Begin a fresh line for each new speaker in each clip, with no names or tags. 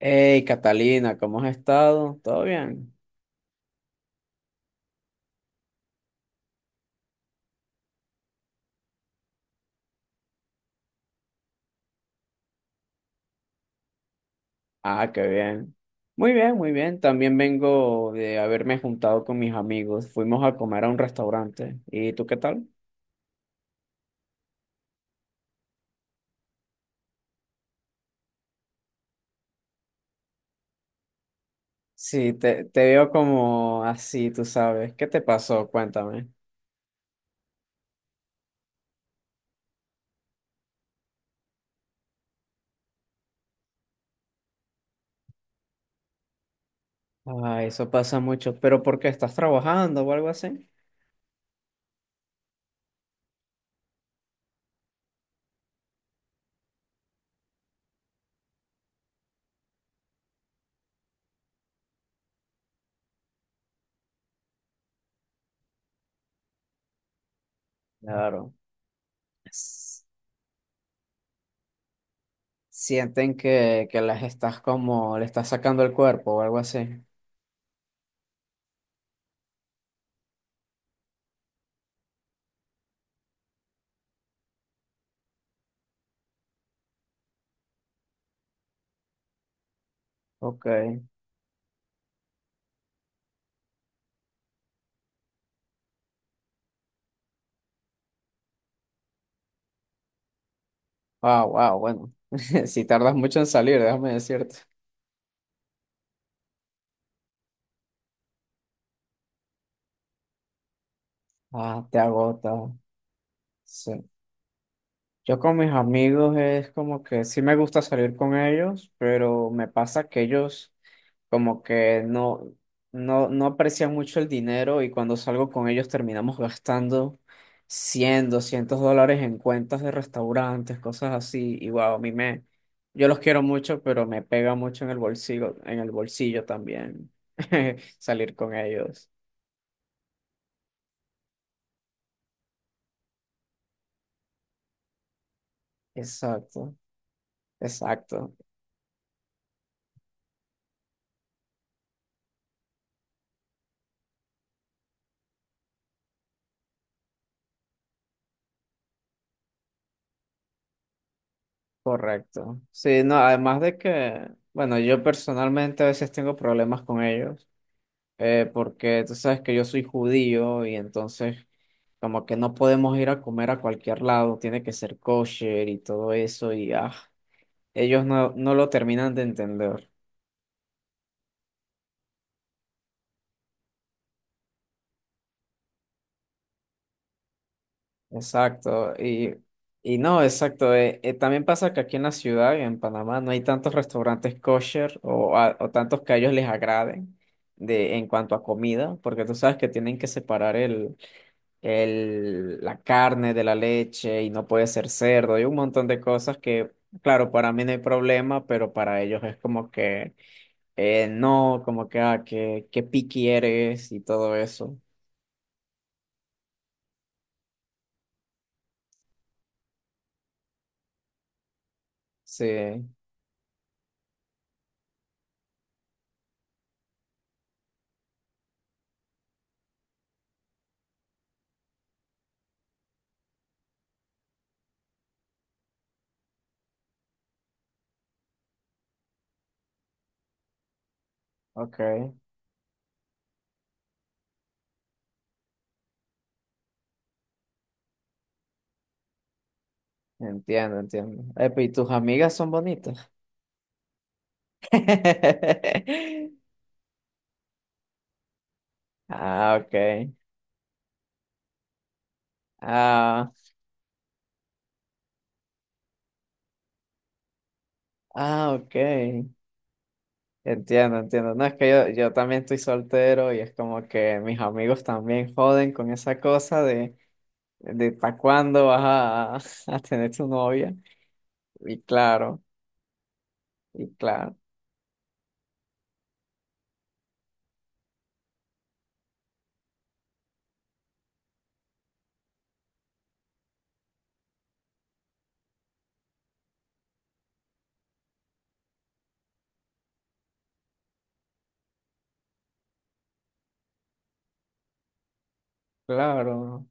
Hey, Catalina, ¿cómo has estado? ¿Todo bien? Ah, qué bien. Muy bien, muy bien. También vengo de haberme juntado con mis amigos. Fuimos a comer a un restaurante. ¿Y tú qué tal? Sí, te veo como así, tú sabes. ¿Qué te pasó? Cuéntame. Ah, eso pasa mucho. ¿Pero por qué estás trabajando o algo así? Claro. S- Sienten que las estás como, le estás sacando el cuerpo o algo así. Ok. Ah, wow, bueno. Si tardas mucho en salir, déjame decirte. Ah, te agota. Sí. Yo con mis amigos es como que sí me gusta salir con ellos, pero me pasa que ellos como que no, no aprecian mucho el dinero, y cuando salgo con ellos terminamos gastando 100, 200 dólares en cuentas de restaurantes, cosas así. Y wow, yo los quiero mucho, pero me pega mucho en el bolsillo también salir con ellos. Exacto, exacto, correcto. Sí, no, además de que, bueno, yo personalmente a veces tengo problemas con ellos, porque tú sabes que yo soy judío, y entonces como que no podemos ir a comer a cualquier lado, tiene que ser kosher y todo eso, y ah, ellos no, no lo terminan de entender. Exacto, y no, exacto. También pasa que aquí en la ciudad y en Panamá no hay tantos restaurantes kosher, o, o tantos que a ellos les agraden en cuanto a comida, porque tú sabes que tienen que separar el, la carne de la leche, y no puede ser cerdo, y un montón de cosas que, claro, para mí no hay problema, pero para ellos es como que no, como que, ah, que picky eres y todo eso. Sí, ok. Entiendo, entiendo. Epa, ¿y tus amigas son bonitas? Ah, ok. Ah, ah, ok. Entiendo, entiendo. No, es que yo también estoy soltero, y es como que mis amigos también joden con esa cosa de ¿para cuándo vas a, a tener tu novia? Y claro, y claro, claro.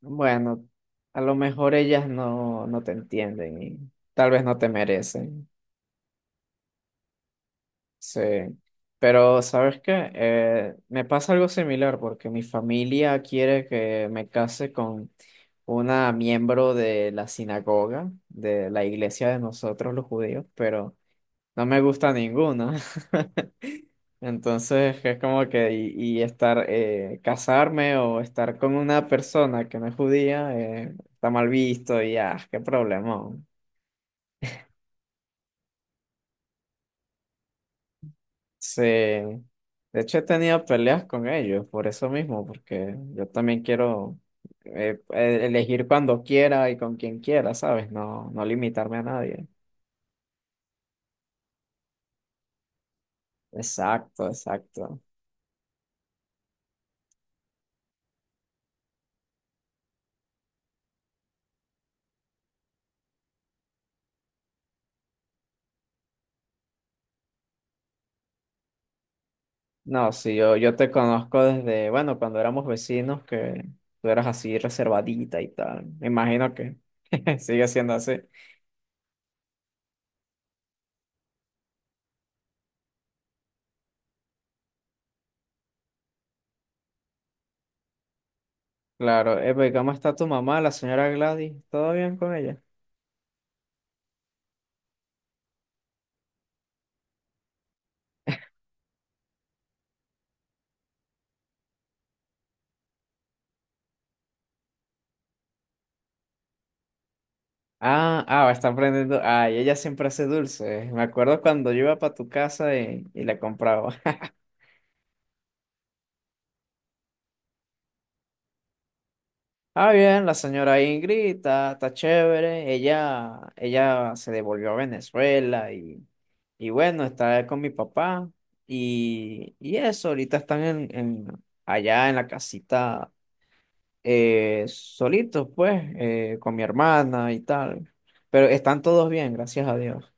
Bueno, a lo mejor ellas no, no te entienden y tal vez no te merecen. Sí, pero ¿sabes qué? Me pasa algo similar porque mi familia quiere que me case con una miembro de la sinagoga, de la iglesia de nosotros los judíos, pero no me gusta ninguna. Entonces es como que y estar, casarme o estar con una persona que no es judía, está mal visto, y ah, qué problema. Sí, de hecho he tenido peleas con ellos por eso mismo, porque yo también quiero elegir cuando quiera y con quien quiera, ¿sabes? No, no limitarme a nadie. Exacto, exacto. No, sí, yo te conozco desde, bueno, cuando éramos vecinos, que tú eras así reservadita y tal. Me imagino que sigue siendo así. Claro, pues, ¿cómo está tu mamá, la señora Gladys? ¿Todo bien con ella? Ah, ah, está aprendiendo. Ah, y ella siempre hace dulces. Me acuerdo cuando yo iba para tu casa y la compraba. Ah, bien, la señora Ingrid está, está chévere. Ella se devolvió a Venezuela y bueno, está con mi papá. Y, Y eso, ahorita están en, allá en la casita solitos, pues, con mi hermana y tal. Pero están todos bien, gracias a Dios.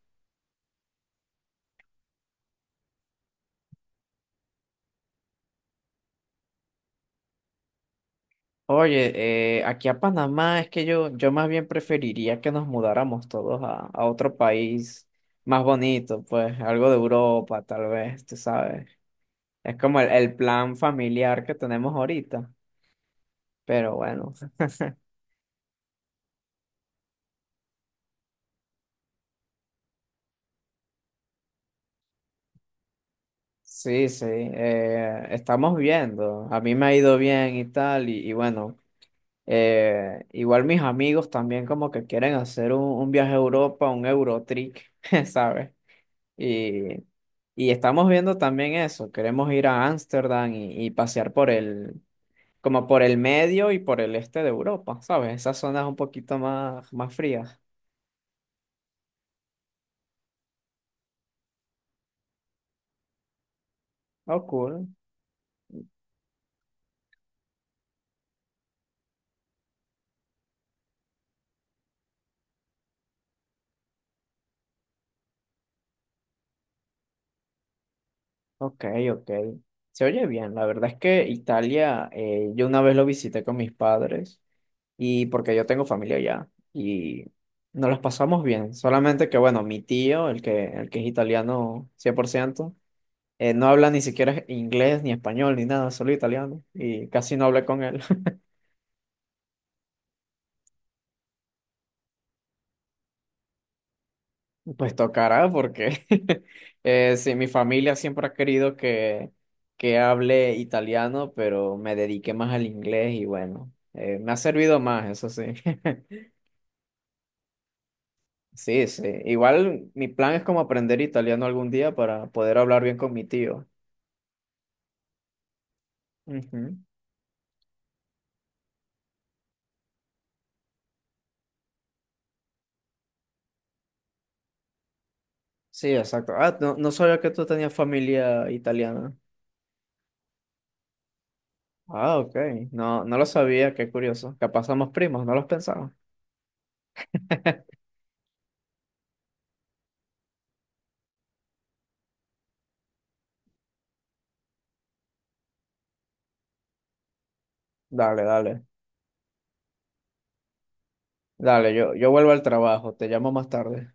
Oye, aquí a Panamá es que yo más bien preferiría que nos mudáramos todos a otro país más bonito, pues algo de Europa, tal vez, tú sabes. Es como el plan familiar que tenemos ahorita, pero bueno, sí, sí, estamos viendo. A mí me ha ido bien y tal, y bueno, igual mis amigos también como que quieren hacer un viaje a Europa, un Eurotrip, ¿sabes? Y, y estamos viendo también eso. Queremos ir a Ámsterdam y pasear por el, como por el medio y por el este de Europa, ¿sabes? Esas zonas un poquito más, más frías. Oh, cool. Ok, ok. Se oye bien. La verdad es que Italia, yo una vez lo visité con mis padres, y porque yo tengo familia allá y nos las pasamos bien. Solamente que, bueno, mi tío, el que es italiano cien por ciento, no habla ni siquiera inglés, ni español, ni nada, solo italiano. Y casi no hablé con él. Pues tocará porque sí, mi familia siempre ha querido que hable italiano, pero me dediqué más al inglés, y bueno, me ha servido más, eso sí. Sí, sí. Igual mi plan es como aprender italiano algún día para poder hablar bien con mi tío. Ujú. Sí, exacto. Ah, no, no sabía que tú tenías familia italiana. Ah, ok. No, no lo sabía, qué curioso. Capaz somos primos, no los pensamos. Dale, dale. Dale, yo vuelvo al trabajo, te llamo más tarde.